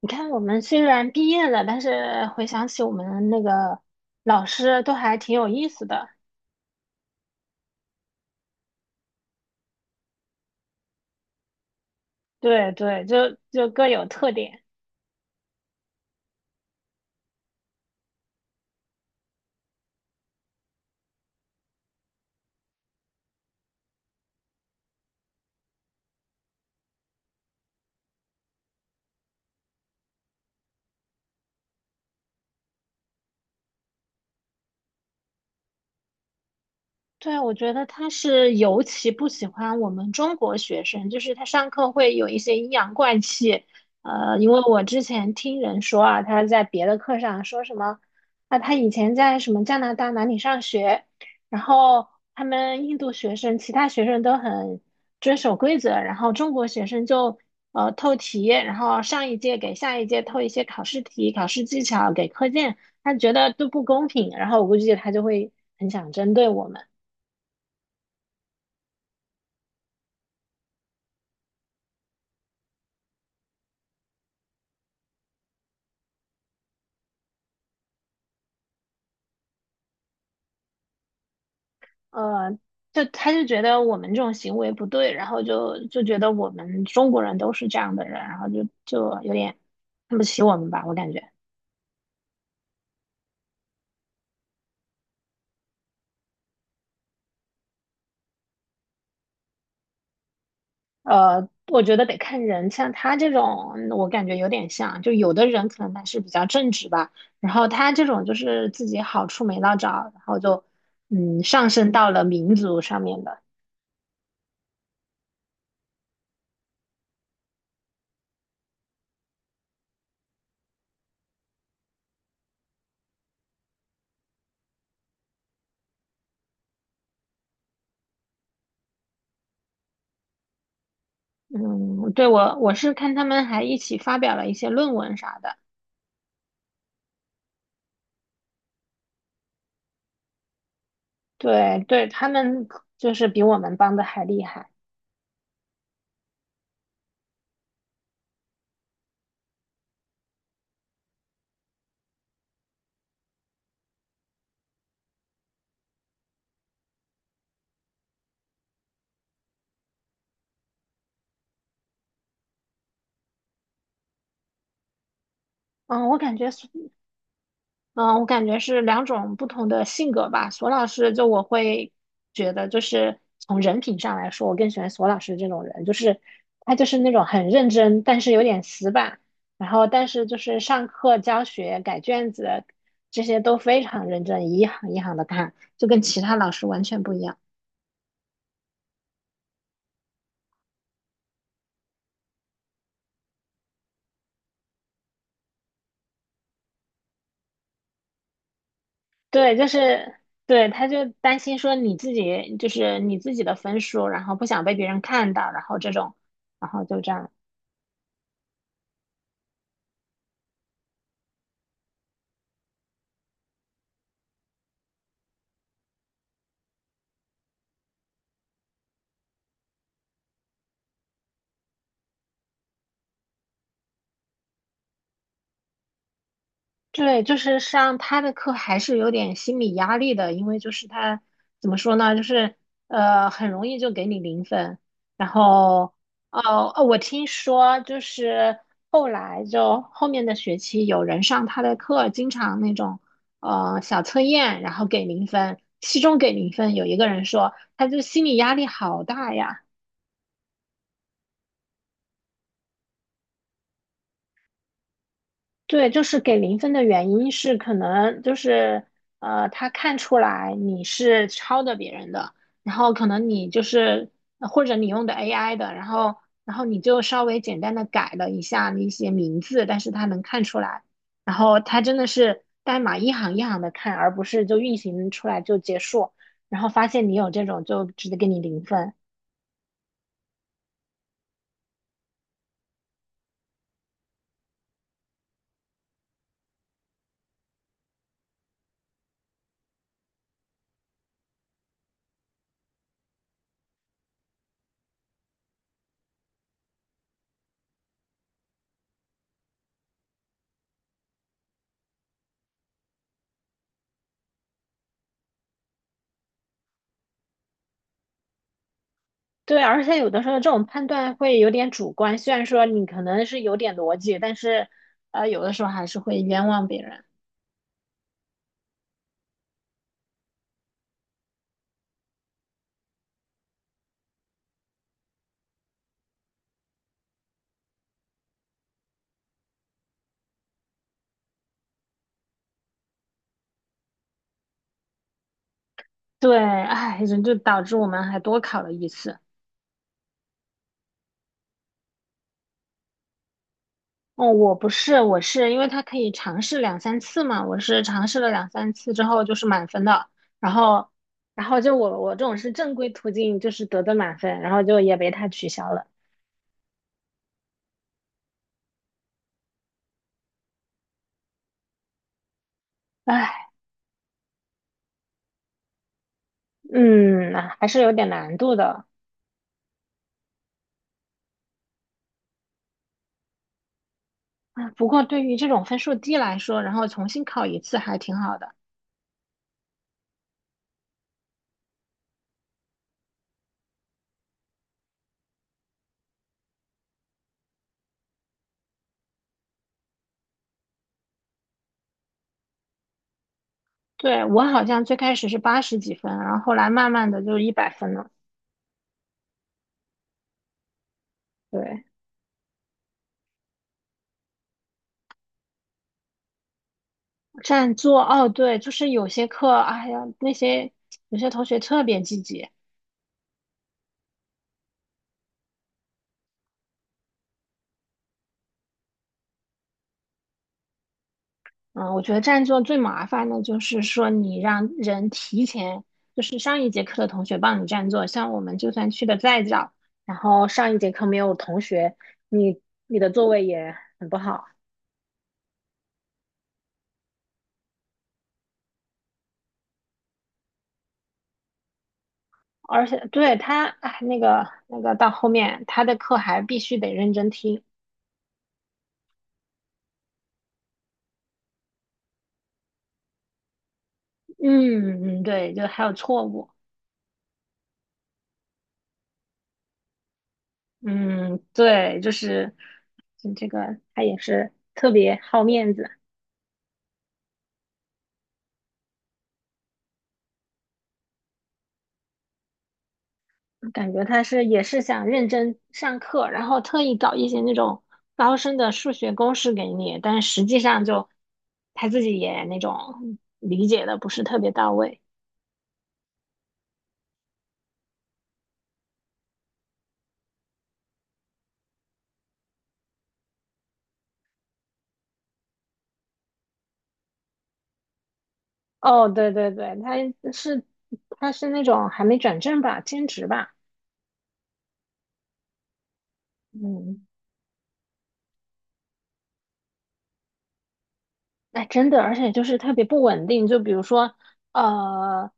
你看，我们虽然毕业了，但是回想起我们那个老师都还挺有意思的。对，就各有特点。对，我觉得他是尤其不喜欢我们中国学生，就是他上课会有一些阴阳怪气。因为我之前听人说啊，他在别的课上说什么，啊，他以前在什么加拿大哪里上学，然后他们印度学生、其他学生都很遵守规则，然后中国学生就透题，然后上一届给下一届透一些考试题、考试技巧给课件，他觉得都不公平，然后我估计他就会很想针对我们。呃，就他就觉得我们这种行为不对，然后就觉得我们中国人都是这样的人，然后就有点看不起我们吧，我感觉。我觉得得看人，像他这种，嗯我感觉有点像，就有的人可能他是比较正直吧，然后他这种就是自己好处没捞着，然后就嗯上升到了民族上面的。嗯，对，我是看他们还一起发表了一些论文啥的，对，他们就是比我们帮的还厉害。嗯，我感觉是，嗯，我感觉是两种不同的性格吧。索老师，就我会觉得，就是从人品上来说，我更喜欢索老师这种人，就是他就是那种很认真，但是有点死板，然后但是就是上课教学、改卷子这些都非常认真，一行一行的看，就跟其他老师完全不一样。对，就是对，他就担心说你自己就是你自己的分数，然后不想被别人看到，然后这种，然后就这样。对，就是上他的课还是有点心理压力的，因为就是他怎么说呢，就是很容易就给你零分，然后哦哦，我听说就是后来就后面的学期有人上他的课，经常那种小测验，然后给零分，期中给零分，有一个人说他就心理压力好大呀。对，就是给零分的原因是可能就是他看出来你是抄的别人的，然后可能你就是或者你用的 AI 的，然后你就稍微简单的改了一下那些名字，但是他能看出来，然后他真的是代码一行一行的看，而不是就运行出来就结束，然后发现你有这种就直接给你零分。对，而且有的时候这种判断会有点主观，虽然说你可能是有点逻辑，但是有的时候还是会冤枉别人。对，哎，人就导致我们还多考了一次。哦，我不是，我是因为他可以尝试两三次嘛，我是尝试了两三次之后就是满分的，然后，然后就我这种是正规途径，就是得的满分，然后就也被他取消了。唉，嗯，还是有点难度的。啊，不过对于这种分数低来说，然后重新考一次还挺好的。对，我好像最开始是80几分，然后后来慢慢的就100分了。对，占座，哦，对，就是有些课，哎呀，那些有些同学特别积极。嗯，我觉得占座最麻烦的就是说，你让人提前，就是上一节课的同学帮你占座，像我们就算去的再早，然后上一节课没有同学，你你的座位也很不好。而且对他，哎，那个到后面他的课还必须得认真听，嗯嗯，对，就还有错误，嗯，对，就是嗯这个他也是特别好面子，感觉他是也是想认真上课，然后特意搞一些那种高深的数学公式给你，但实际上就他自己也那种理解的不是特别到位。哦，对对对，是他是那种还没转正吧，兼职吧，嗯。哎，真的，而且就是特别不稳定。就比如说，呃，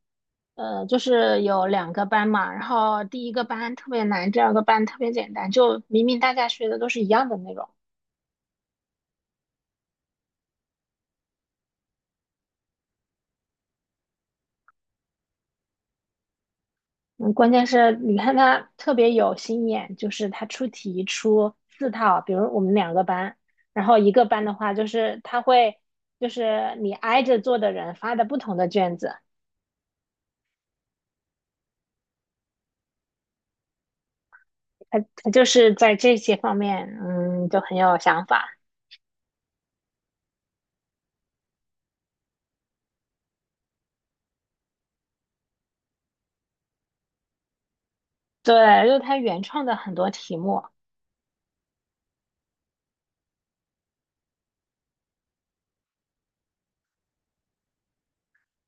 就是有两个班嘛，然后第1个班特别难，第2个班特别简单，就明明大家学的都是一样的内容，嗯，关键是你看他特别有心眼，就是他出题出4套，比如我们两个班，然后一个班的话，就是他会就是你挨着坐的人发的不同的卷子，他就是在这些方面，嗯，就很有想法。对，就是他原创的很多题目。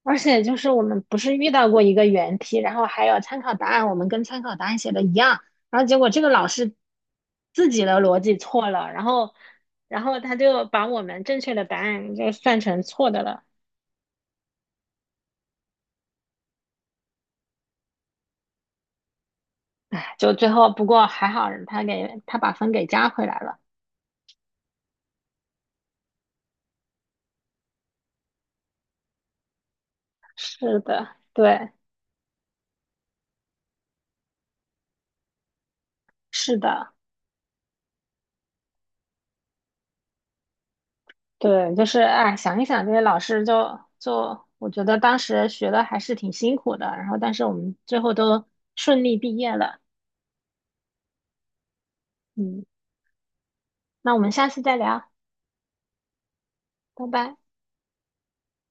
而且就是我们不是遇到过一个原题，然后还有参考答案，我们跟参考答案写的一样，然后结果这个老师自己的逻辑错了，然后他就把我们正确的答案就算成错的了，就最后不过还好他给他把分给加回来了。是的，对，是的，对，就是哎，想一想这些老师就我觉得当时学的还是挺辛苦的，然后但是我们最后都顺利毕业了，嗯。那我们下次再聊，拜拜。